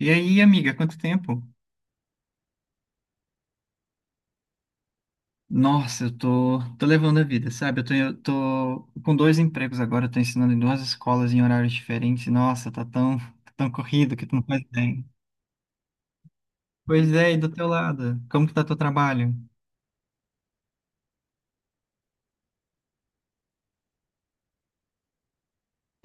E aí, amiga, quanto tempo? Nossa, eu tô levando a vida, sabe? Eu tô com dois empregos agora, eu tô ensinando em duas escolas em horários diferentes. Nossa, tá tão corrido que tu não faz bem. Pois é, e do teu lado? Como que tá teu trabalho?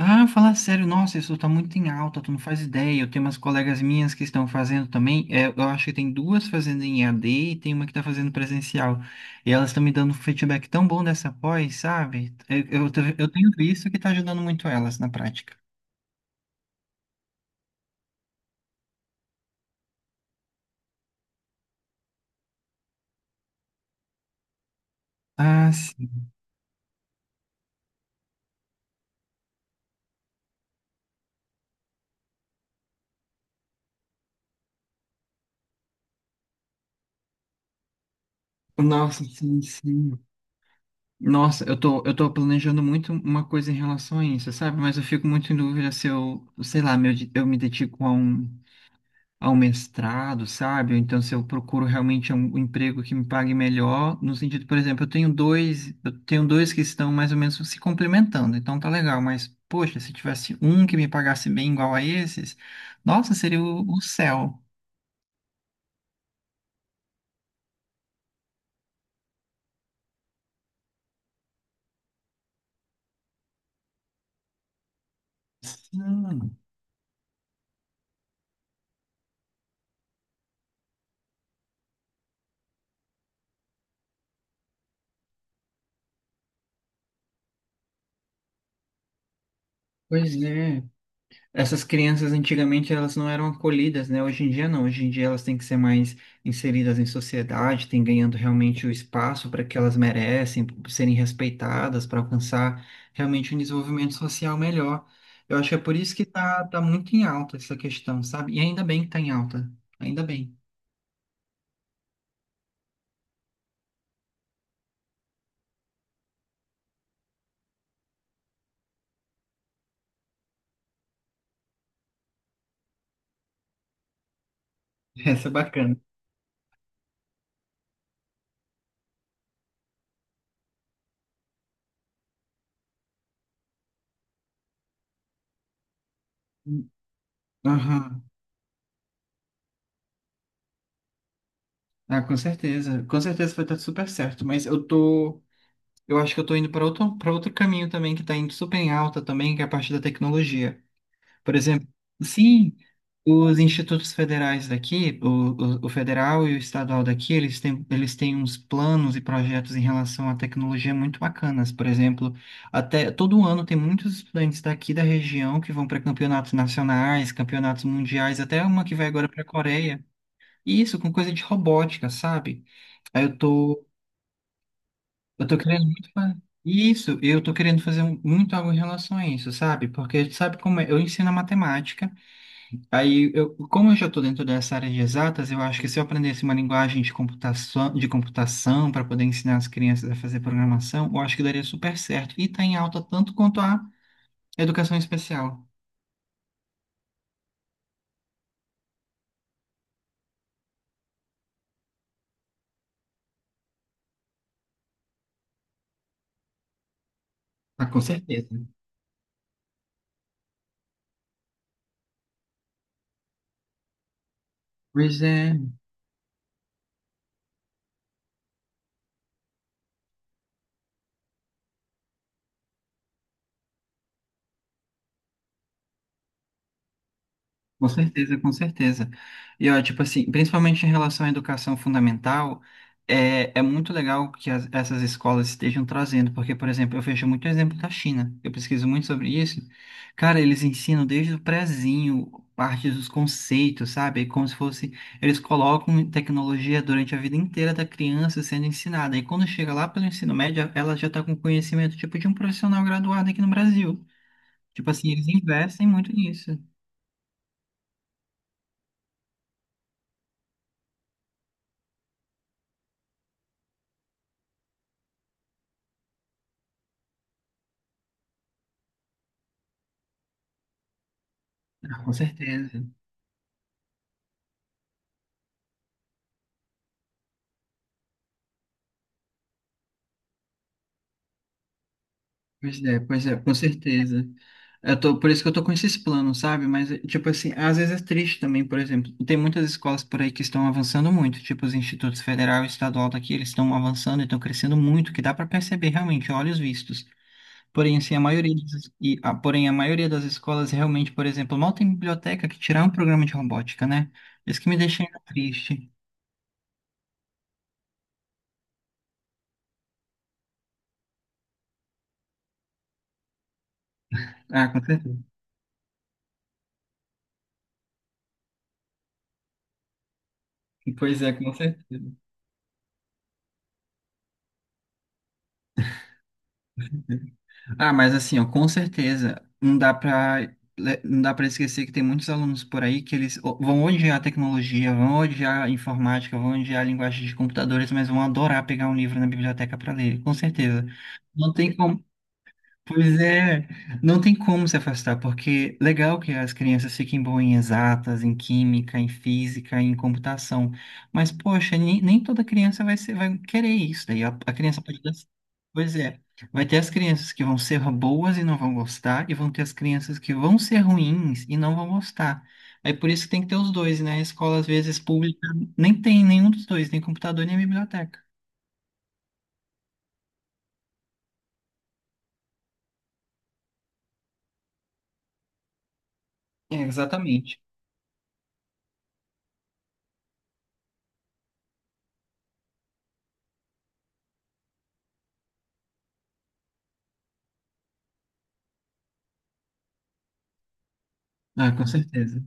Ah, falar sério, nossa, isso tá muito em alta, tu não faz ideia. Eu tenho umas colegas minhas que estão fazendo também. É, eu acho que tem duas fazendo em EAD e tem uma que tá fazendo presencial. E elas estão me dando um feedback tão bom dessa pós, sabe? Eu tenho visto que tá ajudando muito elas na prática. Ah, sim. Nossa, sim, sim. Nossa, eu tô planejando muito uma coisa em relação a isso, sabe? Mas eu fico muito em dúvida se eu, sei lá, meu, eu me dedico a um mestrado, sabe? Ou então se eu procuro realmente um emprego que me pague melhor, no sentido, por exemplo, eu tenho dois que estão mais ou menos se complementando, então tá legal, mas, poxa, se tivesse um que me pagasse bem igual a esses, nossa, seria o céu. Sim, pois é. Essas crianças antigamente elas não eram acolhidas, né? Hoje em dia não. Hoje em dia elas têm que ser mais inseridas em sociedade, têm ganhando realmente o espaço para que elas merecem, por serem respeitadas, para alcançar realmente um desenvolvimento social melhor. Eu acho que é por isso que tá muito em alta essa questão, sabe? E ainda bem que tá em alta. Ainda bem. Essa é bacana. Aham. Ah, com certeza. Com certeza vai dar super certo, mas eu acho que eu tô indo para outro, caminho também que tá indo super em alta também, que é a parte da tecnologia. Por exemplo, sim, os institutos federais daqui, o federal e o estadual daqui, eles têm uns planos e projetos em relação à tecnologia muito bacanas. Por exemplo, até todo ano tem muitos estudantes daqui da região que vão para campeonatos nacionais, campeonatos mundiais, até uma que vai agora para a Coreia. E isso, com coisa de robótica, sabe? Aí eu tô querendo muito Isso, eu tô querendo fazer muito algo em relação a isso, sabe? Porque sabe como é? Eu ensino a matemática. Aí, eu, como eu já estou dentro dessa área de exatas, eu acho que se eu aprendesse uma linguagem de computação para poder ensinar as crianças a fazer programação, eu acho que daria super certo. E está em alta tanto quanto a educação especial. Ah, com certeza. Pois é, com certeza, com certeza. E ó, tipo assim, principalmente em relação à educação fundamental, é muito legal que essas escolas estejam trazendo, porque, por exemplo, eu vejo muito exemplo da China, eu pesquiso muito sobre isso. Cara, eles ensinam desde o prezinho, parte dos conceitos, sabe? É como se fosse, eles colocam tecnologia durante a vida inteira da criança sendo ensinada. E quando chega lá pelo ensino médio, ela já está com conhecimento tipo de um profissional graduado aqui no Brasil. Tipo assim, eles investem muito nisso. Ah, com certeza. Pois é, com certeza. Por isso que eu tô com esses planos, sabe? Mas, tipo assim, às vezes é triste também, por exemplo. Tem muitas escolas por aí que estão avançando muito, tipo os institutos federal e estadual daqui, eles estão avançando e estão crescendo muito, que dá para perceber realmente, a olhos vistos. Porém, assim, a maioria das escolas realmente, por exemplo, mal tem biblioteca que tirar um programa de robótica, né? Isso que me deixa ainda triste. Ah, com certeza. Pois é, com certeza. Ah, mas assim, ó, com certeza, não dá para esquecer que tem muitos alunos por aí que eles vão odiar a tecnologia, vão odiar a informática, vão odiar a linguagem de computadores, mas vão adorar pegar um livro na biblioteca para ler, com certeza. Não tem Pois é, não tem como se afastar, porque legal que as crianças fiquem boas em exatas, em química, em física, em computação, mas poxa, nem toda criança vai querer isso, daí a criança pode dar. Pois é, vai ter as crianças que vão ser boas e não vão gostar, e vão ter as crianças que vão ser ruins e não vão gostar. Aí por isso que tem que ter os dois, né? A escola, às vezes, pública, nem tem nenhum dos dois, nem computador, nem biblioteca. É, exatamente. Ah, com certeza.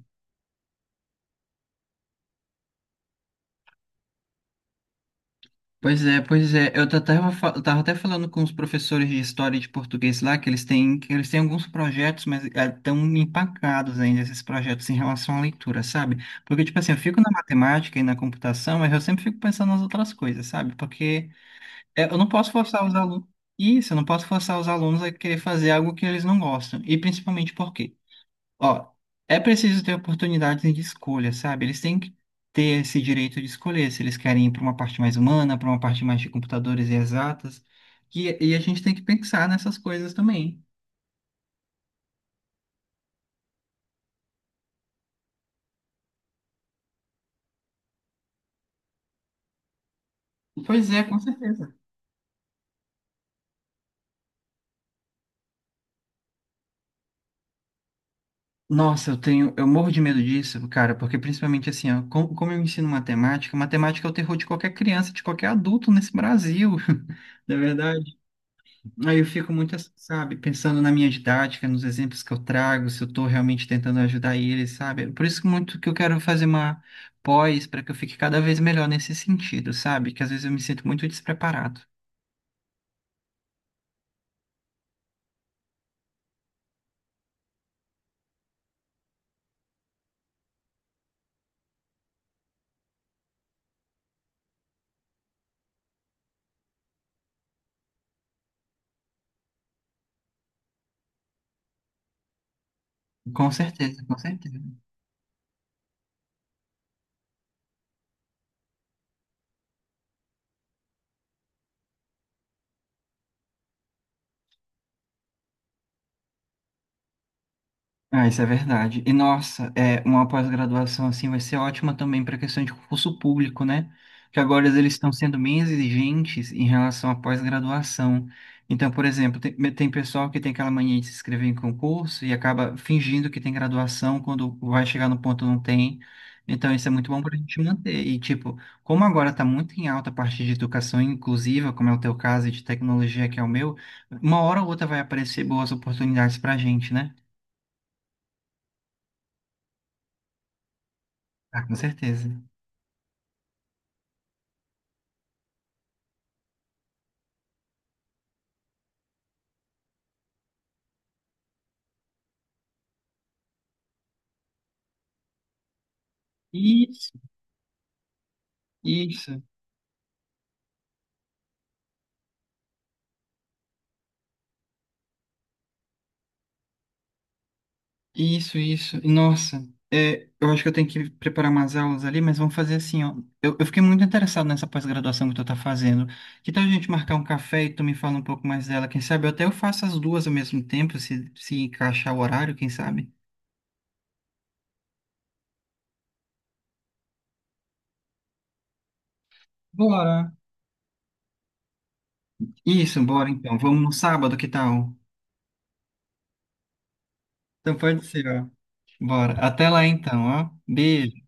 Pois é, pois é. Eu tava até falando com os professores de história e de português lá, que eles têm alguns projetos, mas estão empacados ainda esses projetos em relação à leitura, sabe? Porque, tipo assim, eu fico na matemática e na computação, mas eu sempre fico pensando nas outras coisas, sabe? Porque é, eu não posso forçar os alunos. Isso, eu não posso forçar os alunos a querer fazer algo que eles não gostam. E principalmente porque ó, é preciso ter oportunidades de escolha, sabe? Eles têm que ter esse direito de escolher se eles querem ir para uma parte mais humana, para uma parte mais de computadores e exatas. E a gente tem que pensar nessas coisas também. Pois é, com certeza. Nossa, eu morro de medo disso, cara, porque principalmente assim, ó, como eu ensino matemática, matemática é o terror de qualquer criança, de qualquer adulto nesse Brasil, na verdade. Aí eu fico muito, assim, sabe, pensando na minha didática, nos exemplos que eu trago, se eu estou realmente tentando ajudar eles, sabe? Por isso que muito que eu quero fazer uma pós para que eu fique cada vez melhor nesse sentido, sabe? Que às vezes eu me sinto muito despreparado. Com certeza, com certeza. Ah, isso é verdade. E nossa, é uma pós-graduação assim vai ser ótima também para a questão de concurso público, né? Que agora eles estão sendo bem exigentes em relação à pós-graduação. Então, por exemplo, tem pessoal que tem aquela mania de se inscrever em concurso e acaba fingindo que tem graduação quando vai chegar no ponto não tem. Então, isso é muito bom para a gente manter. E, tipo, como agora está muito em alta a parte de educação inclusiva, como é o teu caso, e de tecnologia, que é o meu, uma hora ou outra vai aparecer boas oportunidades para a gente, né? Ah, com certeza. Isso, isso, isso, isso. Nossa, é, eu acho que eu tenho que preparar umas aulas ali, mas vamos fazer assim, ó. Eu fiquei muito interessado nessa pós-graduação que tu tá fazendo. Que tal a gente marcar um café e tu me fala um pouco mais dela? Quem sabe eu até eu faço as duas ao mesmo tempo, se encaixar o horário, quem sabe? Bora. Isso, bora então. Vamos no sábado, que tal? Então pode ser, ó. Bora. Até lá então, ó. Beijo.